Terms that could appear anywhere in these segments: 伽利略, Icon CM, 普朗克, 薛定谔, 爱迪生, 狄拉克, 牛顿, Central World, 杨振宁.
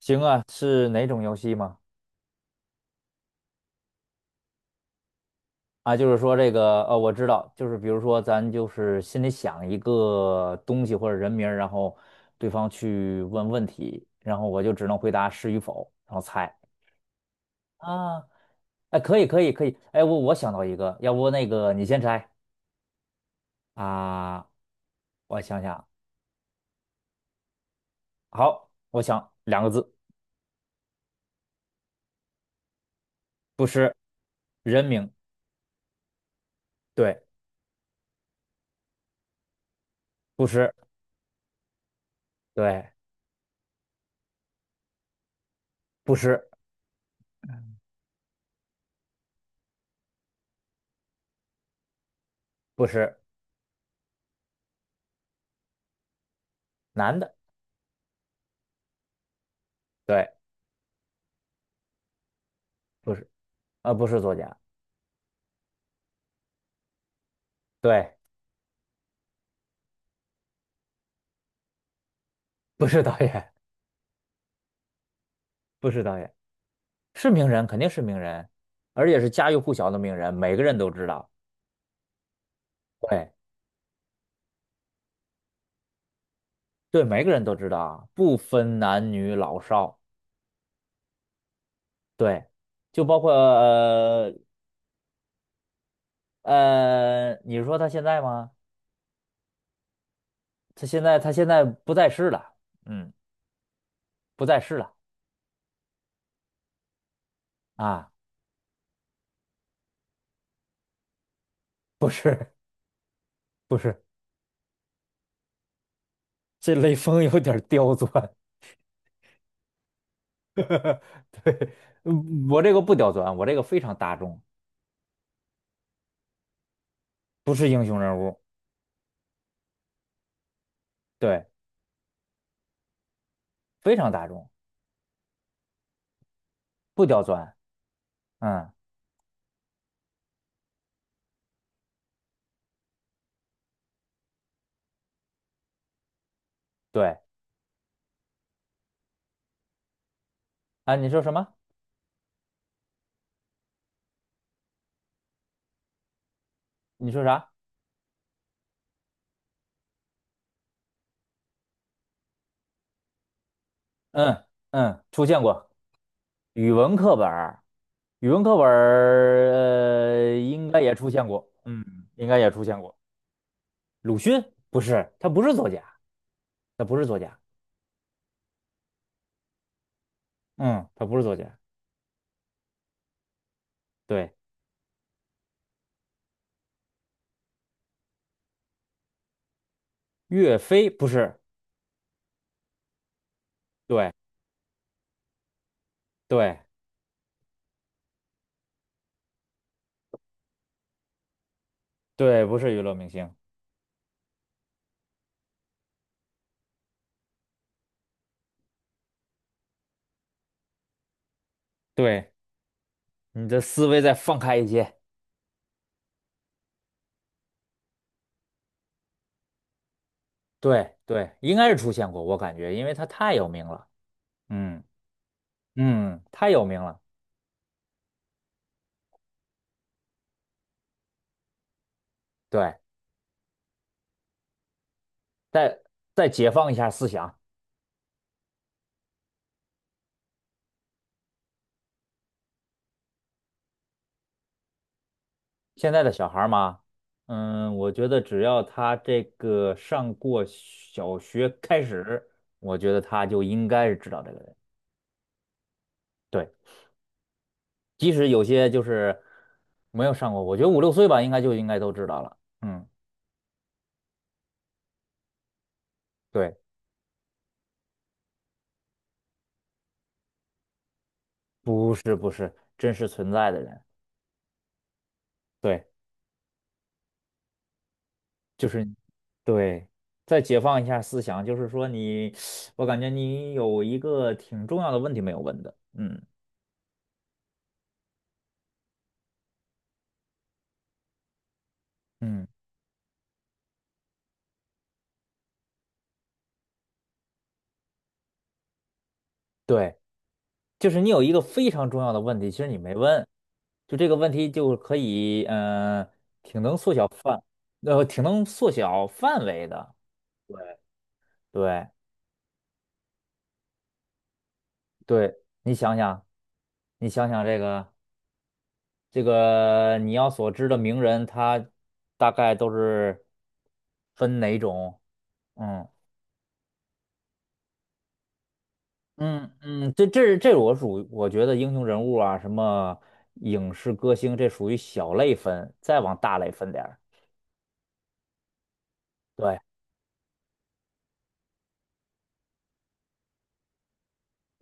行啊，是哪种游戏吗？啊，就是说这个，我知道，就是比如说咱就是心里想一个东西或者人名儿，然后对方去问问题，然后我就只能回答是与否，然后猜。啊，哎，可以，可以，可以。哎，我想到一个，要不那个你先猜啊？我想想，好，我想两个字，不是人名，对，不是，对，不是，不是男的，对，不是，不是作家，对。不是导演，不是导演，是名人，肯定是名人，而且是家喻户晓的名人，每个人都知道。对对，每个人都知道啊，不分男女老少。对，就包括你说他现在吗？他现在不在世了，嗯，不在世了啊，不是不是，这雷锋有点儿刁钻，对，我这个不刁钻，我这个非常大众，不是英雄人物，对，非常大众，不刁钻。嗯，对啊，你说什么？你说啥？嗯嗯，出现过语文课本儿，语文课本儿应该也出现过，嗯，应该也出现过。鲁迅不是，他不是作家，他不是作家，嗯，他不是作家。对，岳飞不是，对对对，不是娱乐明星。对，你的思维再放开一些。对对，应该是出现过，我感觉，因为他太有名了。嗯嗯，太有名了。对。再再解放一下思想。现在的小孩儿嘛，嗯，我觉得只要他这个上过小学开始，我觉得他就应该是知道这个人。对，即使有些就是没有上过，我觉得五六岁吧，应该就应该都知道了。嗯，对，不是不是真实存在的人，对，就是对。再解放一下思想，就是说你，我感觉你有一个挺重要的问题没有问的，嗯嗯，对。就是你有一个非常重要的问题，其实你没问，就这个问题就可以，挺能缩小范，挺能缩小范围的。对，对对，你想想，你想想这个你要所知的名人，他大概都是分哪种？嗯嗯嗯，这这这我属于我觉得英雄人物啊，什么影视歌星，这属于小类分，再往大类分点儿。对。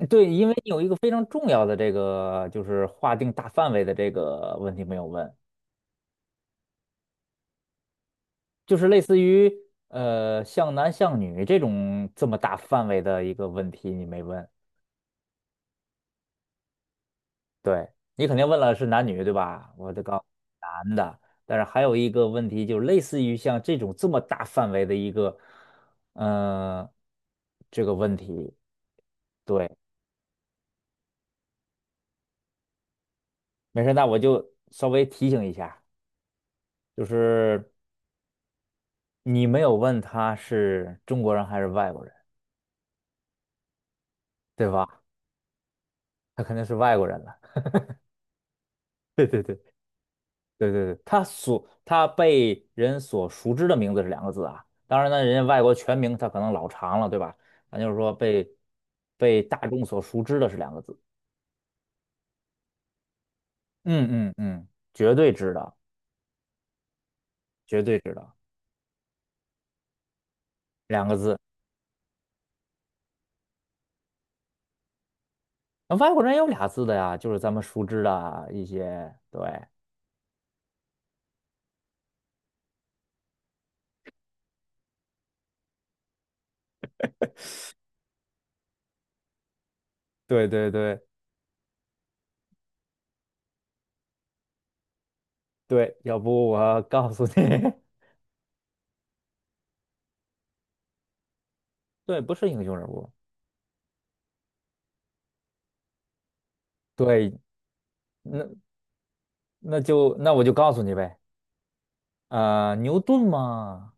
对，因为你有一个非常重要的这个，就是划定大范围的这个问题没有问，就是类似于像男像女这种这么大范围的一个问题你没问，对你肯定问了是男女对吧？我就告诉你男的，但是还有一个问题就是类似于像这种这么大范围的一个嗯、呃这个问题，对，没事，那我就稍微提醒一下，就是你没有问他是中国人还是外国人。对吧？他肯定是外国人了。对对对对对对，他被人所熟知的名字是两个字啊。当然呢，人家外国全名他可能老长了，对吧？咱就是说被大众所熟知的是两个字。嗯嗯嗯，绝对知道，绝对知道，两个字。那外国人也有俩字的呀，就是咱们熟知的啊一些。对对对对对，要不我告诉你，对，不是英雄人物。对，那那我就告诉你呗。牛顿吗？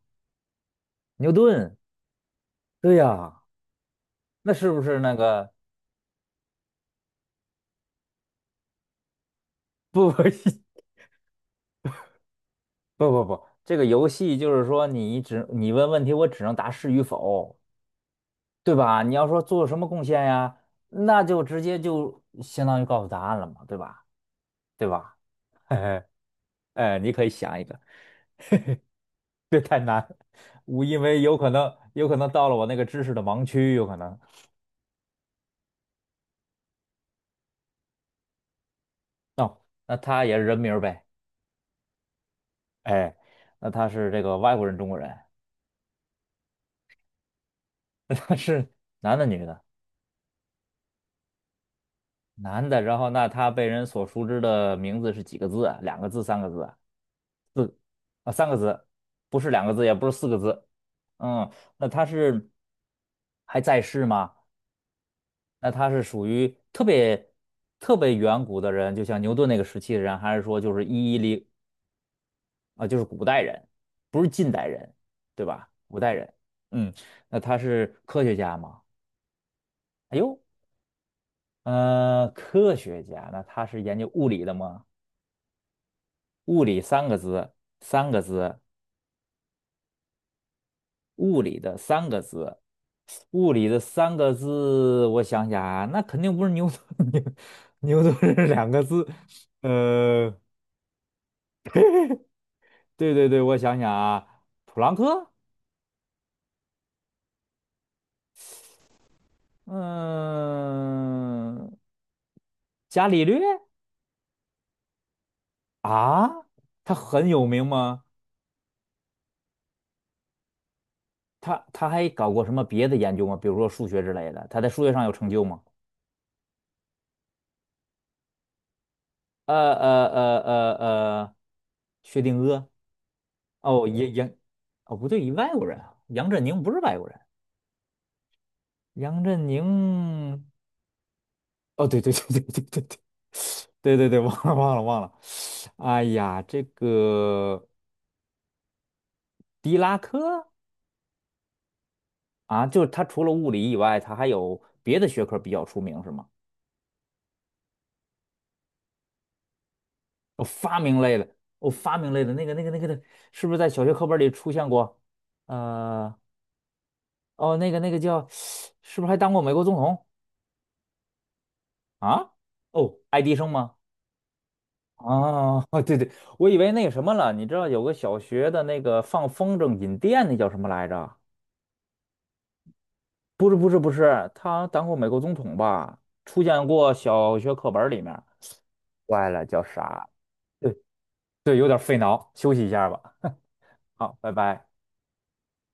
牛顿，对呀，那是不是那个？不不 不不不，这个游戏就是说你问问题，我只能答是与否，对吧？你要说做什么贡献呀，那就直接就相当于告诉答案了嘛，对吧？对吧？嘿嘿，哎，你可以想一个，别太难，我因为有可能到了我那个知识的盲区，有可能。那他也是人名儿呗，哎，那他是这个外国人、中国人，他是男的女的？男的，然后那他被人所熟知的名字是几个字啊？两个字，三个字啊？四啊，三个字，不是两个字，也不是四个字。嗯，那他是还在世吗？那他是属于特别特别远古的人，就像牛顿那个时期的人，还是说就是一一零啊，就是古代人，不是近代人，对吧？古代人，嗯，那他是科学家吗？哎呦，科学家，那他是研究物理的吗？物理三个字，三个字，物理的三个字，物理的三个字，我想想啊，那肯定不是牛顿，牛顿是两个字，呃，对对对，我想想啊，普朗克，嗯，伽利略啊，他很有名吗？他还搞过什么别的研究吗？比如说数学之类的，他在数学上有成就吗？呃呃呃呃呃，薛定谔。哦，哦不对，外国人啊，杨振宁不是外国人，杨振宁，哦对对对对对对对，对对对，忘了忘了忘了，哎呀，这个狄拉克啊，就是他除了物理以外，他还有别的学科比较出名是吗？哦，发明类的，哦，发明类的是不是在小学课本里出现过？呃，哦，那个叫，是不是还当过美国总统啊？哦，爱迪生吗？啊，对对，我以为那个什么了，你知道有个小学的那个放风筝引电，那叫什么来着？不是不是不是，他当过美国总统吧？出现过小学课本里面，坏了，叫啥？对对，有点费脑，休息一下吧。好，拜拜。